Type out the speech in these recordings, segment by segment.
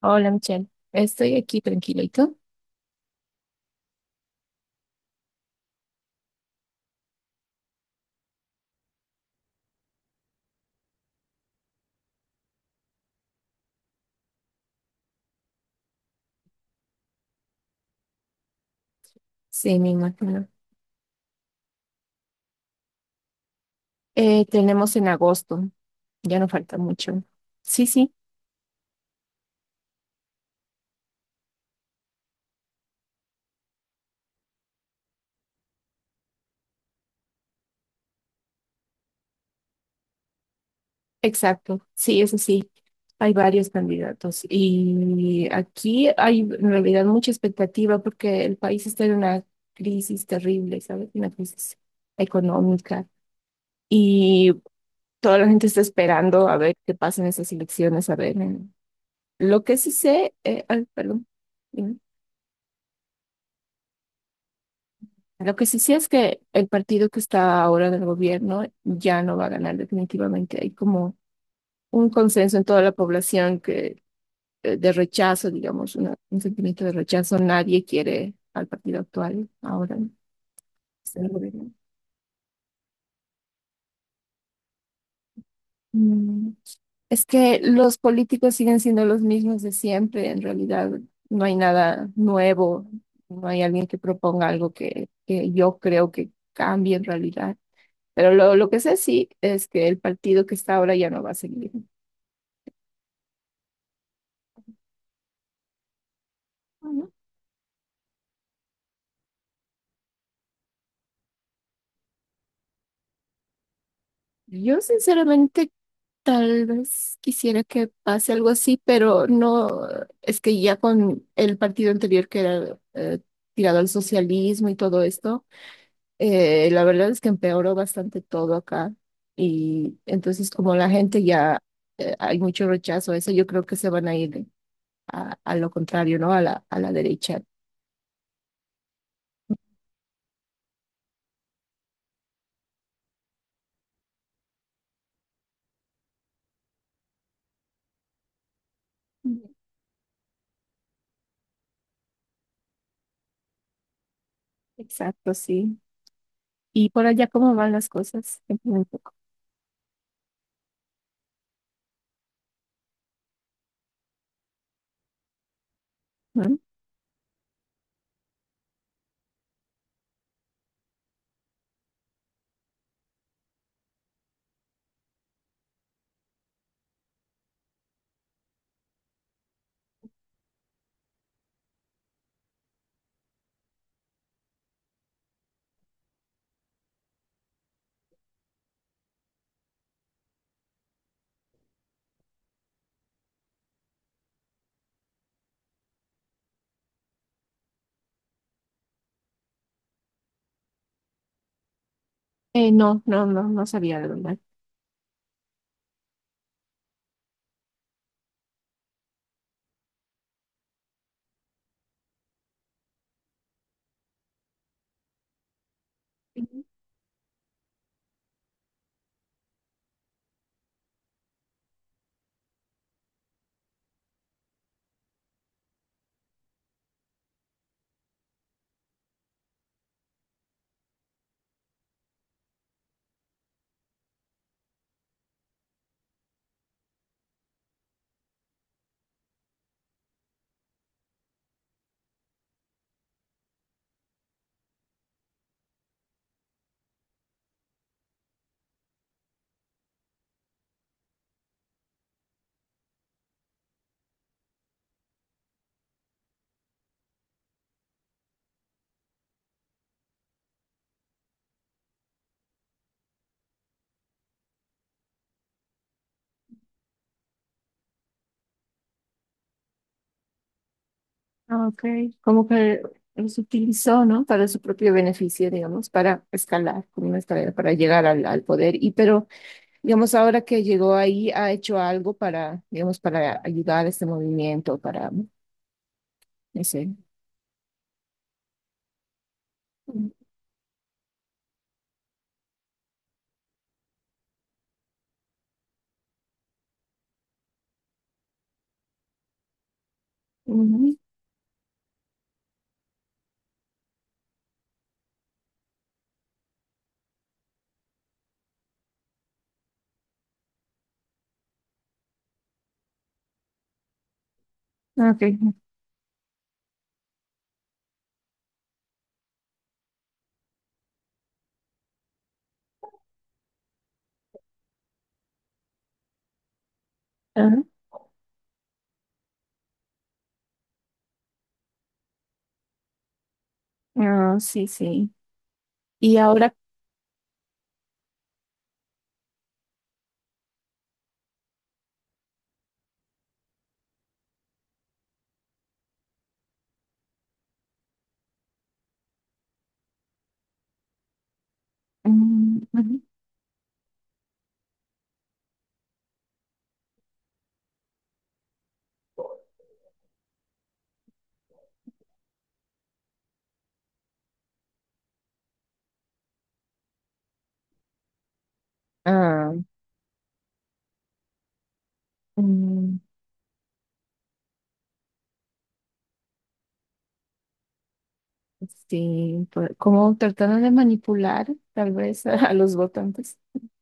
Hola, Michelle. Estoy aquí tranquila. ¿Y tú? Sí, me imagino. Tenemos en agosto. Ya no falta mucho. Sí, sí. Exacto, sí, eso sí. Hay varios candidatos y aquí hay en realidad mucha expectativa porque el país está en una crisis terrible, ¿sabes? Una crisis económica y toda la gente está esperando a ver qué pasa en esas elecciones, a ver. Lo que sí sé, ay, perdón, dime. Lo que sí sé es que el partido que está ahora en el gobierno ya no va a ganar definitivamente. Hay como un consenso en toda la población de rechazo, digamos, un sentimiento de rechazo. Nadie quiere al partido actual ahora, ¿no? Es el gobierno. Mm, Es que los políticos siguen siendo los mismos de siempre, en realidad no hay nada nuevo, no hay alguien que proponga algo que yo creo que cambie en realidad. Pero lo que sé sí es que el partido que está ahora ya no va a seguir. Yo sinceramente tal vez quisiera que pase algo así, pero no, es que ya con el partido anterior que era tirado al socialismo y todo esto, la verdad es que empeoró bastante todo acá. Y entonces como la gente ya hay mucho rechazo a eso, yo creo que se van a ir a lo contrario, ¿no? A a la derecha. Mm, Exacto, sí. ¿Y por allá cómo van las cosas? Cuéntame un poco, ¿no? No, no, no, no sabía de verdad. Ah, ok, como que los utilizó, ¿no? Para su propio beneficio, digamos, para escalar, como una escalera, para llegar al, al poder. Y pero, digamos, ahora que llegó ahí, ha hecho algo para, digamos, para ayudar a este movimiento, para, no sé. Ujú. Ok. Ajá. Ah, sí, sí. Y ahora, mm, ujú. Ah, mm, sí, como trataron de manipular, tal vez, a los votantes,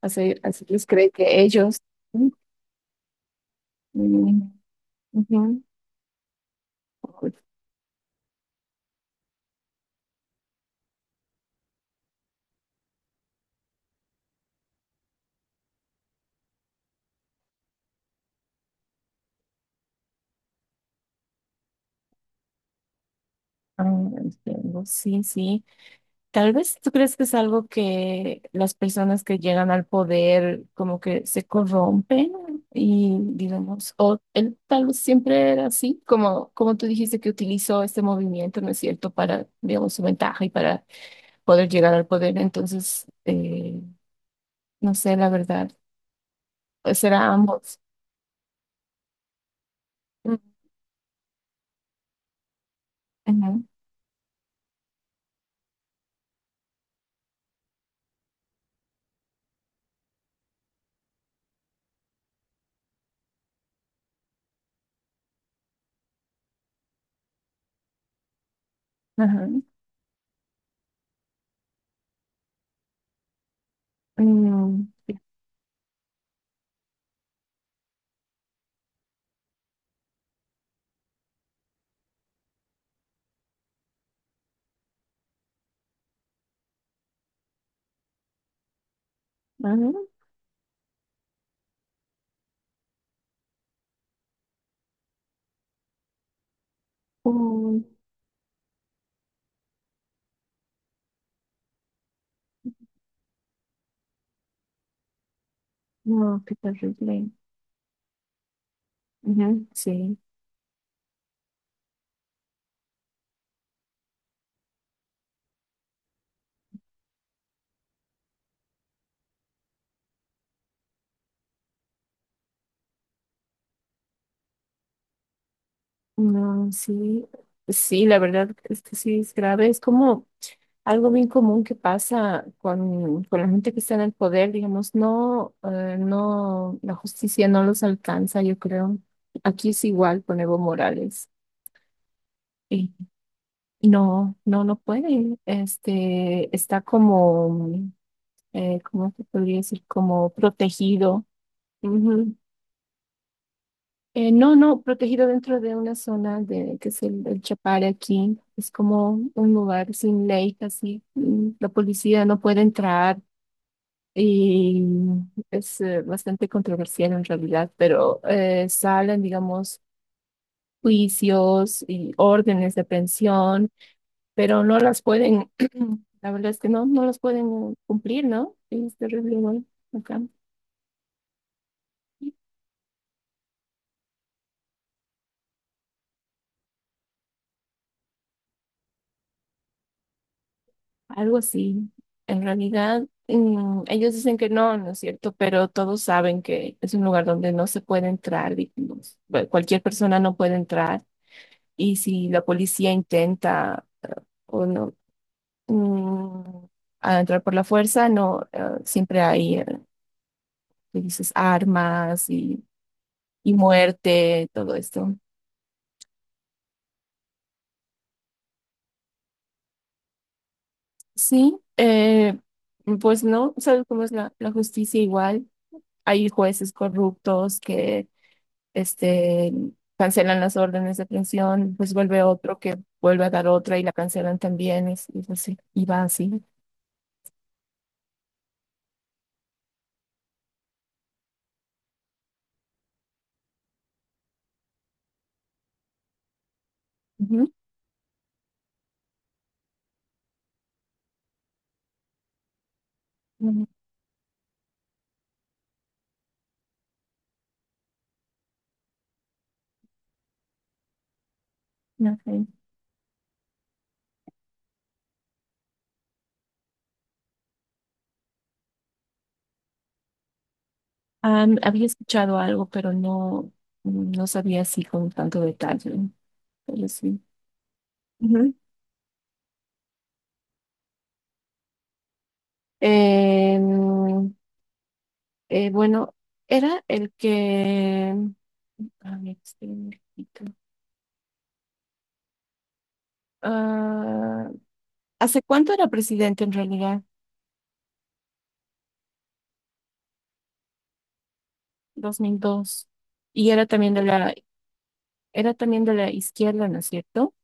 hacerles creer que ellos. ¿No? Mm, ujú. Pues, ah, entiendo. Sí, sí. Tal vez tú crees que es algo que las personas que llegan al poder como que se corrompen y digamos, o él tal vez siempre era así, como, como tú dijiste que utilizó este movimiento, ¿no es cierto?, para, digamos, su ventaja y para poder llegar al poder. Entonces, no sé, la verdad, será ambos. Mm, ujú. Ajá. Mm, ujú. No, qué terrible. Ujú, sí, no, sí, sí, la verdad es que sí es grave. Es como algo bien común que pasa con la gente que está en el poder, digamos, no, no, la justicia no los alcanza, yo creo. Aquí es igual con Evo Morales. Y no, no, no puede. Este, está como, ¿cómo te podría decir? Como protegido. No, no, protegido dentro de una zona de, que es el Chapare aquí. Es como un lugar sin ley, casi. La policía no puede entrar y es bastante controversial en realidad, pero salen, digamos, juicios y órdenes de pensión, pero no las pueden, la verdad es que no, no las pueden cumplir, ¿no? Sí, es terrible, igual acá. Algo así. En realidad, ellos dicen que no, no es cierto, pero todos saben que es un lugar donde no se puede entrar, digamos. Cualquier persona no puede entrar. Y si la policía intenta o no mm, a entrar por la fuerza, no, siempre hay, que dices, armas y muerte, todo esto. Sí, pues no, ¿sabes cómo es la justicia igual? Hay jueces corruptos que este, cancelan las órdenes de aprehensión, pues vuelve otro que vuelve a dar otra y la cancelan también, y así, y va así. Ujú, ujú, ok. Am, había escuchado algo, pero no, no sabía así con tanto detalle, pero sí. Ujú. Em, bueno, era el que... A ver, espera un momentito. Ah, ¿hace cuánto era presidente en realidad? 2002. Y era también de la. Era también de la izquierda, ¿no es cierto?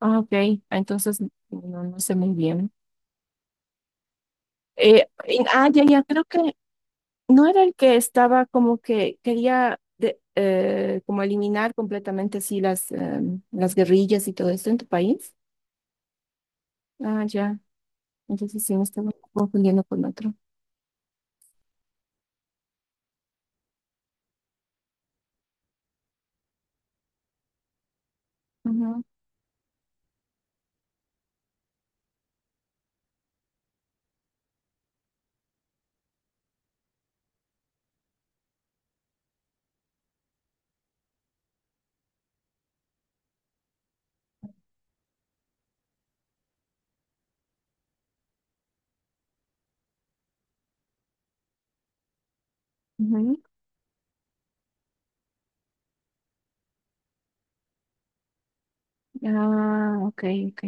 Ah, ok, ah, entonces no, no sé muy bien. Ya, ya, creo que no era el que estaba como que quería como eliminar completamente así em, las guerrillas y todo esto en tu país. Ah, ya, entonces sí me estaba confundiendo con otro. Ujú, ujú. Ah, ok, ok.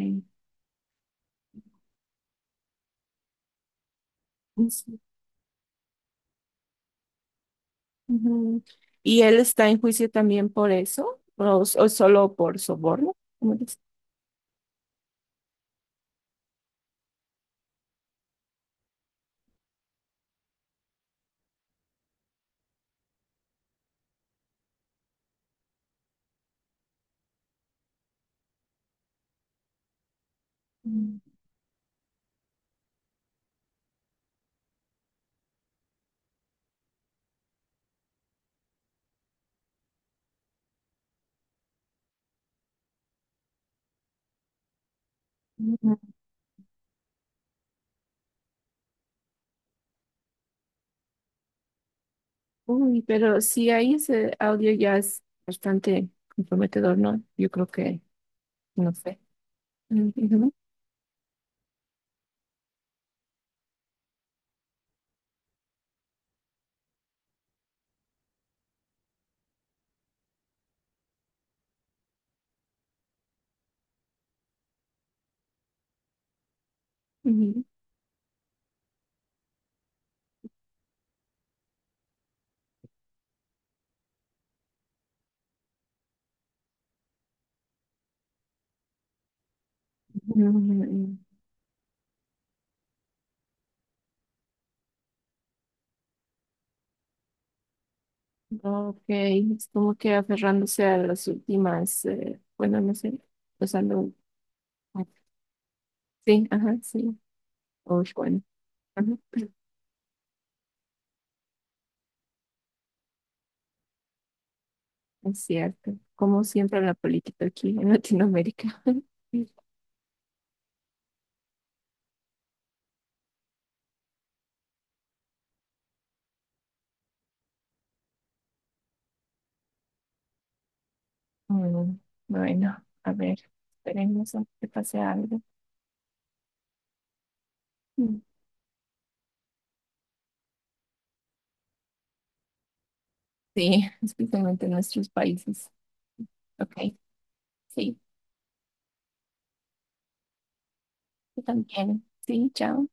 Mm, sí, ujú. ¿Y él está en juicio también por eso? O solo por soborno? ¿Cómo dice? Mm, uy, pero si hay ese audio ya es bastante comprometedor, ¿no? Yo creo no sé. Ujú, ujú, ujú. Ok, es como que aferrándose a las últimas, bueno, no sé, usando. Sí, ajá, sí. Uy, bueno, ajá, es cierto. Como siempre la política aquí en Latinoamérica. Mm, bueno, a ver, esperemos a que pase algo. Mm. Sí, especialmente en nuestros países. Ok. Sí, tú también. Sí, chao.